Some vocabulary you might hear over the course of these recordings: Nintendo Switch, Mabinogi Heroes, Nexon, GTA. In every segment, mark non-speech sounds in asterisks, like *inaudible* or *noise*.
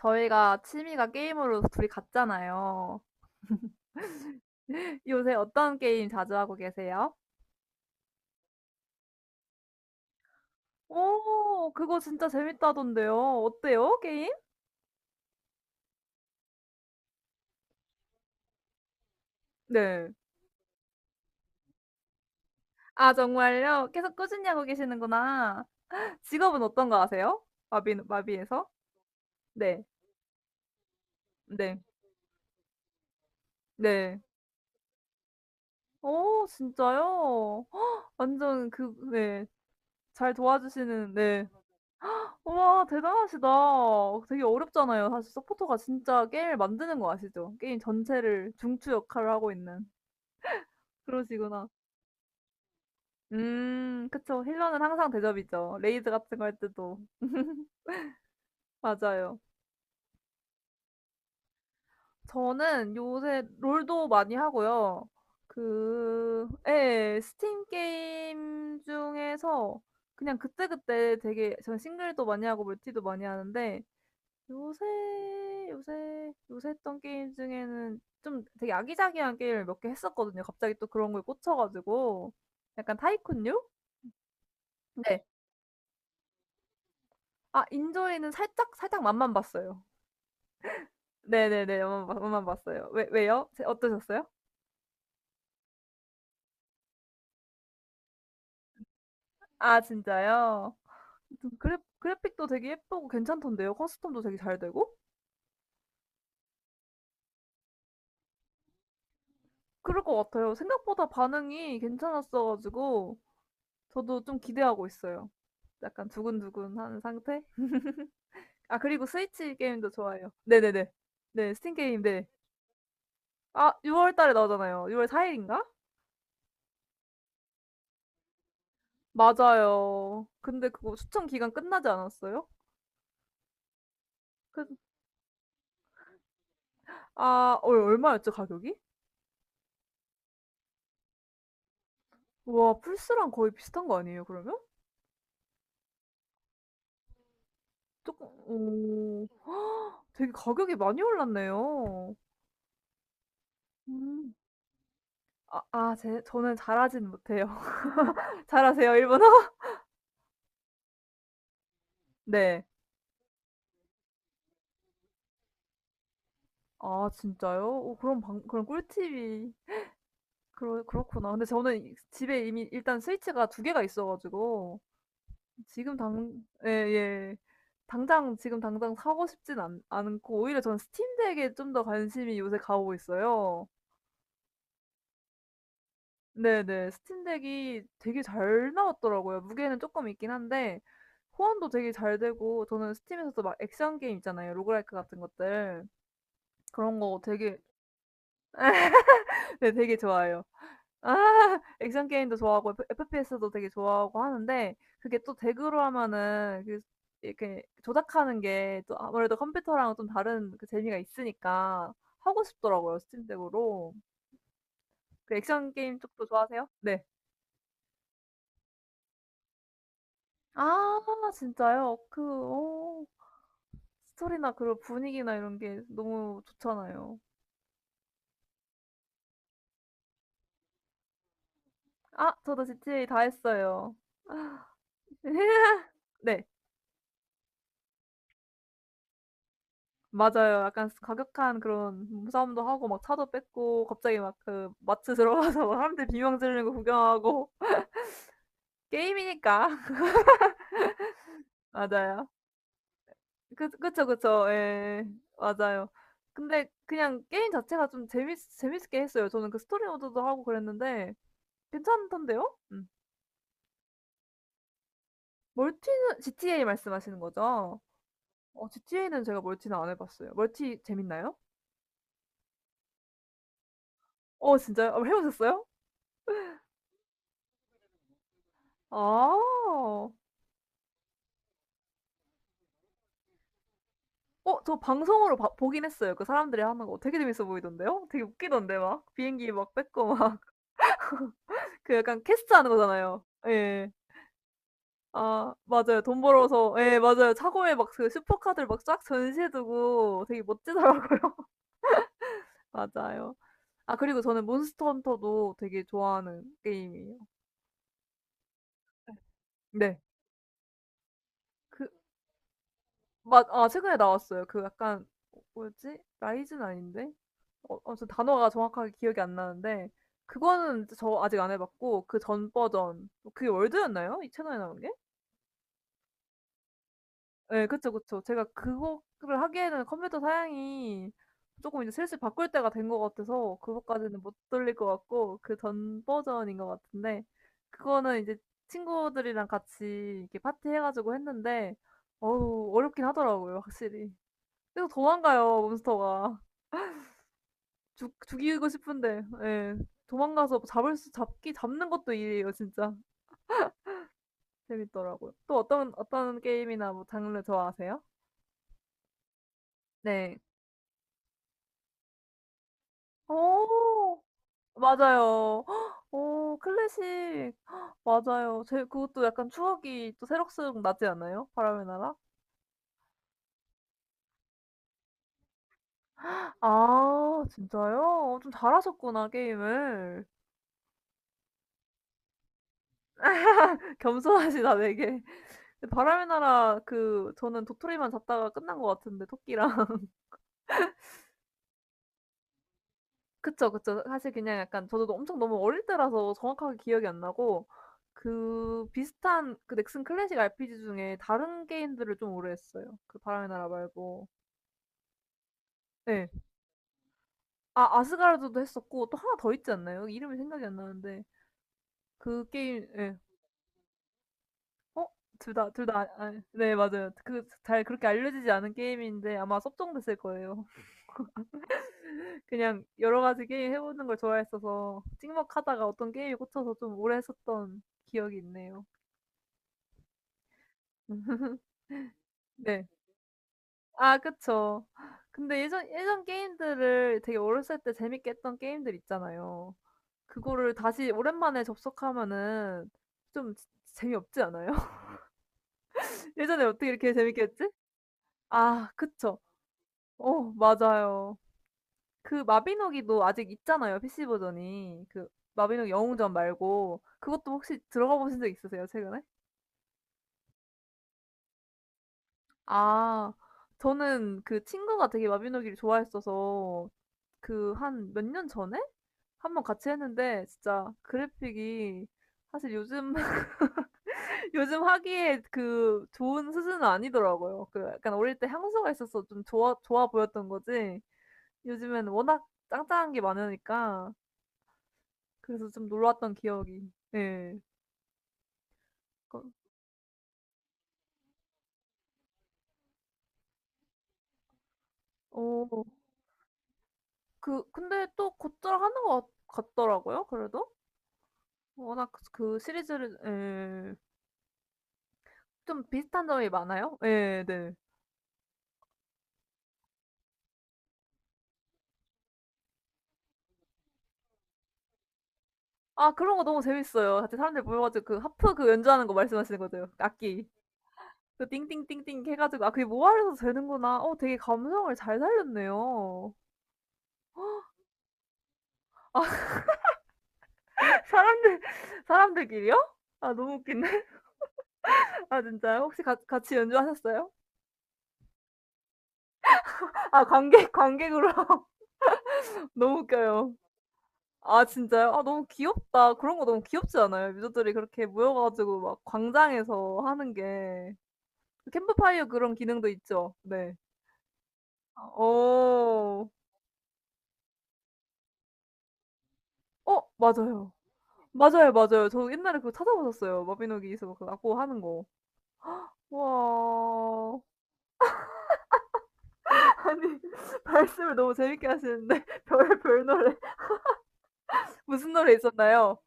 저희가 취미가 게임으로 둘이 같잖아요. *laughs* 요새 어떤 게임 자주 하고 계세요? 오, 그거 진짜 재밌다던데요. 어때요, 게임? 네. 아, 정말요? 계속 꾸준히 하고 계시는구나. 직업은 어떤 거 아세요? 마비에서? 네. 네. 네. 오, 진짜요? 완전 그, 네. 잘 도와주시는, 네. 우와 대단하시다. 되게 어렵잖아요. 사실 서포터가 진짜 게임을 만드는 거 아시죠? 게임 전체를 중추 역할을 하고 있는. 그러시구나. 그쵸. 힐러는 항상 대접이죠. 레이드 같은 거 할 때도. 맞아요. 저는 요새 롤도 많이 하고요. 그, 예, 스팀 게임 중에서 그냥 그때그때 되게, 전 싱글도 많이 하고 멀티도 많이 하는데, 요새, 요새 했던 게임 중에는 좀 되게 아기자기한 게임을 몇 개 했었거든요. 갑자기 또 그런 거에 꽂혀가지고. 약간 타이쿤류? 네. 아, 인조이는 살짝 맛만 봤어요. 네네네, 맛만 봤어요. 왜요? 어떠셨어요? 아, 진짜요? 아무튼 그래픽도 되게 예쁘고 괜찮던데요. 커스텀도 되게 잘 되고? 그럴 것 같아요. 생각보다 반응이 괜찮았어가지고, 저도 좀 기대하고 있어요. 약간 두근두근한 상태? 아, 그리고 스위치 게임도 좋아해요. 네네네. 네. 스팀 게임, 네. 아, 6월 달에 나오잖아요. 6월 4일 일인가? 맞아요. 근데 그거 추천 기간 끝나지 않았어요? 그아얼 얼마였죠, 가격이? 와, 플스랑 거의 비슷한 거 아니에요, 그러면? 조금. 오. *gasps* 헉, 되게 가격이 많이 올랐네요. 음. 아 아 제 저는 잘하진 못해요. *laughs* 잘하세요, 일본어? 네. 아, 진짜요? 오, 그럼 꿀팁이 그러 그렇구나. 근데 저는 이 집에 이미 일단 스위치가 2 개가 있어 가지고 지금 당 예예. 당장 지금 당장 사고 싶진 않 않고 오히려 저는 스팀덱에 좀 더 관심이 요새 가고 있어요. 네네. 스팀덱이 되게 잘 나왔더라고요. 무게는 조금 있긴 한데 호환도 되게 잘 되고 저는 스팀에서도 막 액션 게임 있잖아요. 로그라이크 같은 것들. 그런 거 되게 *laughs* 네, 되게 좋아해요. 아, *laughs* 액션 게임도 좋아하고 FPS 도 되게 좋아하고 하는데, 그게 또 덱으로 하면은 그 이렇게 조작하는 게 또 아무래도 컴퓨터랑 좀 다른 그 재미가 있으니까 하고 싶더라고요, 스팀 덱으로. 그 액션 게임 쪽도 좋아하세요? 네. 아, 진짜요? 그 스토리나 그런 분위기나 이런 게 너무 좋잖아요. 아, 저도 GTA 다 했어요. *laughs* 네. 맞아요. 약간 과격한 그런 몸싸움도 하고 막 차도 뺏고 갑자기 막 그 마트 들어가서 막 사람들 비명 지르는 거 구경하고 *laughs* 게임이니까. *laughs* 맞아요. 그쵸, 그쵸. 예. 맞아요. 근데 그냥 게임 자체가 좀 재밌게 했어요. 저는 그 스토리 모드도 하고 그랬는데 괜찮던데요? 음. 멀티는 GTA 말씀하시는 거죠? GTA는 제가 멀티는 안 해 봤어요. 멀티 재밌나요? 진짜요? 해 보셨어요? 아. 저 방송으로 봐 보긴 했어요. 그 사람들이 하는 거 되게 재밌어 보이던데요? 되게 웃기던데, 막 비행기 막 뺏고 막 *laughs* 그 약간 캐스트하는 거잖아요. 예. 아, 맞아요. 돈 벌어서, 예, 맞아요. 차고에 막 그 슈퍼카들 막 쫙 전시해 두고 되게 멋지더라고요. *laughs* 맞아요. 아, 그리고 저는 몬스터 헌터도 되게 좋아하는 게임이에요. 네. 그 맞 아, 최근에 나왔어요. 그 약간 뭐였지? 라이즈는 아닌데? 저 단어가 정확하게 기억이 안 나는데 그거는 저 아직 안 해봤고, 그 전 버전 뭐 그게 월드였나요? 이 채널에 나온 게? 네, 그쵸, 그쵸. 제가 그거를 하기에는 컴퓨터 사양이 조금 이제 슬슬 바꿀 때가 된 것 같아서 그거까지는 못 돌릴 것 같고, 그 전 버전인 것 같은데, 그거는 이제 친구들이랑 같이 이렇게 파티 해가지고 했는데 어우, 어렵긴 하더라고요, 확실히. 그래서 도망가요, 몬스터가. 죽 죽이고 싶은데, 예. 도망가서 잡을 수 잡기 잡는 것도 일이에요, 진짜. 재밌더라고요. 또 어떤 게임이나 뭐 장르 좋아하세요? 네. 오, 맞아요. 헉, 오, 클래식. 헉, 맞아요. 제 그것도 약간 추억이 또 새록새록 나지 않아요? 바람의 나라? 아, 진짜요? 좀 잘하셨구나, 게임을. *laughs* 겸손하시다, 되게. 바람의 나라, 그 저는 도토리만 잡다가 끝난 것 같은데, 토끼랑. 그쵸, 그쵸. 사실 그냥 약간 저도 엄청 너무 어릴 때라서 정확하게 기억이 안 나고, 그 비슷한 그 넥슨 클래식 RPG 중에 다른 게임들을 좀 오래 했어요. 그 바람의 나라 말고. 네, 아, 아스가르드도 했었고 또 하나 더 있지 않나요? 이름이 생각이 안 나는데, 그 게임, 예. 어? 둘 다 아, 네, 맞아요. 그 잘 그렇게 알려지지 않은 게임인데, 아마 섭정됐을 거예요. *laughs* 그냥 여러 가지 게임 해 보는 걸 좋아했어서 찍먹하다가 어떤 게임에 꽂혀서 좀 오래 했었던 기억이 있네요. *laughs* 네. 아, 그쵸. 근데 예전 게임들을 되게 어렸을 때 재밌게 했던 게임들 있잖아요. 그거를 다시 오랜만에 접속하면은 좀 지 재미없지 않아요? *laughs* 예전에 어떻게 이렇게 재밌게 했지? 아, 그쵸. 맞아요. 그 마비노기도 아직 있잖아요, PC 버전이. 그, 마비노기 영웅전 말고 그것도 혹시 들어가 보신 적 있으세요, 최근에? 아, 저는 그 친구가 되게 마비노기를 좋아했어서 그 한 몇 년 전에 한 번 같이 했는데, 진짜 그래픽이 사실 요즘 *laughs* 요즘 하기에 그 좋은 수준은 아니더라고요. 그 약간 어릴 때 향수가 있어서 좀 좋아 보였던 거지. 요즘엔 워낙 짱짱한 게 많으니까 그래서 좀 놀랐던 기억이. 예. 그- 어, 그 근데 또 곧잘 하는 것 같, 더라고요, 그래도. 워낙 그 시리즈를, 예. 좀 비슷한 점이 많아요. 예, 네. 아, 그런 거 너무 재밌어요. 같이 사람들 모여 가지고 그 하프, 그 연주하는 거 말씀하시는 거죠? 악기. 그 띵띵띵띵 해 가지고, 아, 그게 모아서 되는구나. 되게 감성을 잘 살렸네요. 아, *laughs* 사람들 사람들끼리요? 아, 너무 웃기네. 아, 진짜요? 혹시 같 같이 연주하셨어요? 아, 관객으로 *laughs* 너무 웃겨요. 아, 진짜요? 아, 너무 귀엽다. 그런 거 너무 귀엽지 않아요? 유저들이 그렇게 모여 가지고 막 광장에서 하는 게. 그 캠프파이어 그런 기능도 있죠. 네. 어. 맞아요. 맞아요, 맞아요. 저 옛날에 그거 찾아보셨어요, 마비노기에서 그고 하는 거. 와. 아니, *laughs* 말씀을 너무 재밌게 하시는데 *laughs* 별별 노래 *laughs* 무슨 노래 있었나요?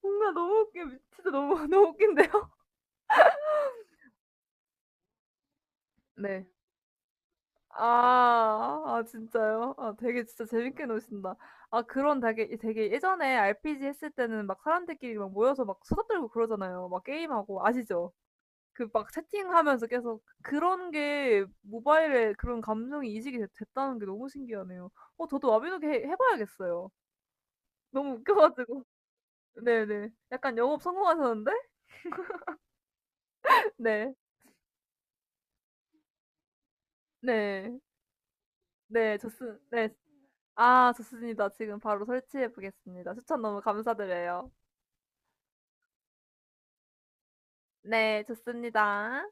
뭔가 너무 웃겨. 진짜 너무 *laughs* 너무 웃긴데요? 네. 아, 진짜요? 아, 되게 진짜 재밌게 노신다. 아, 그런 되게 되게 예전에 RPG 했을 때는 막 사람들끼리 막 모여서 막 수다 떨고 그러잖아요. 막 게임하고, 아시죠? 그 막 채팅하면서 계속 그런 게 모바일에 그런 감정이 이식이 됐 됐다는 게 너무 신기하네요. 저도 와비노기 해 봐야겠어요. 너무 웃겨 가지고. *laughs* 네네. 약간 영업 성공하셨는데? *laughs* 네. 네. 네. 좋습 네. 아, 좋습니다. 지금 바로 설치해 보겠습니다. 추천 너무 감사드려요. 네. 좋습니다.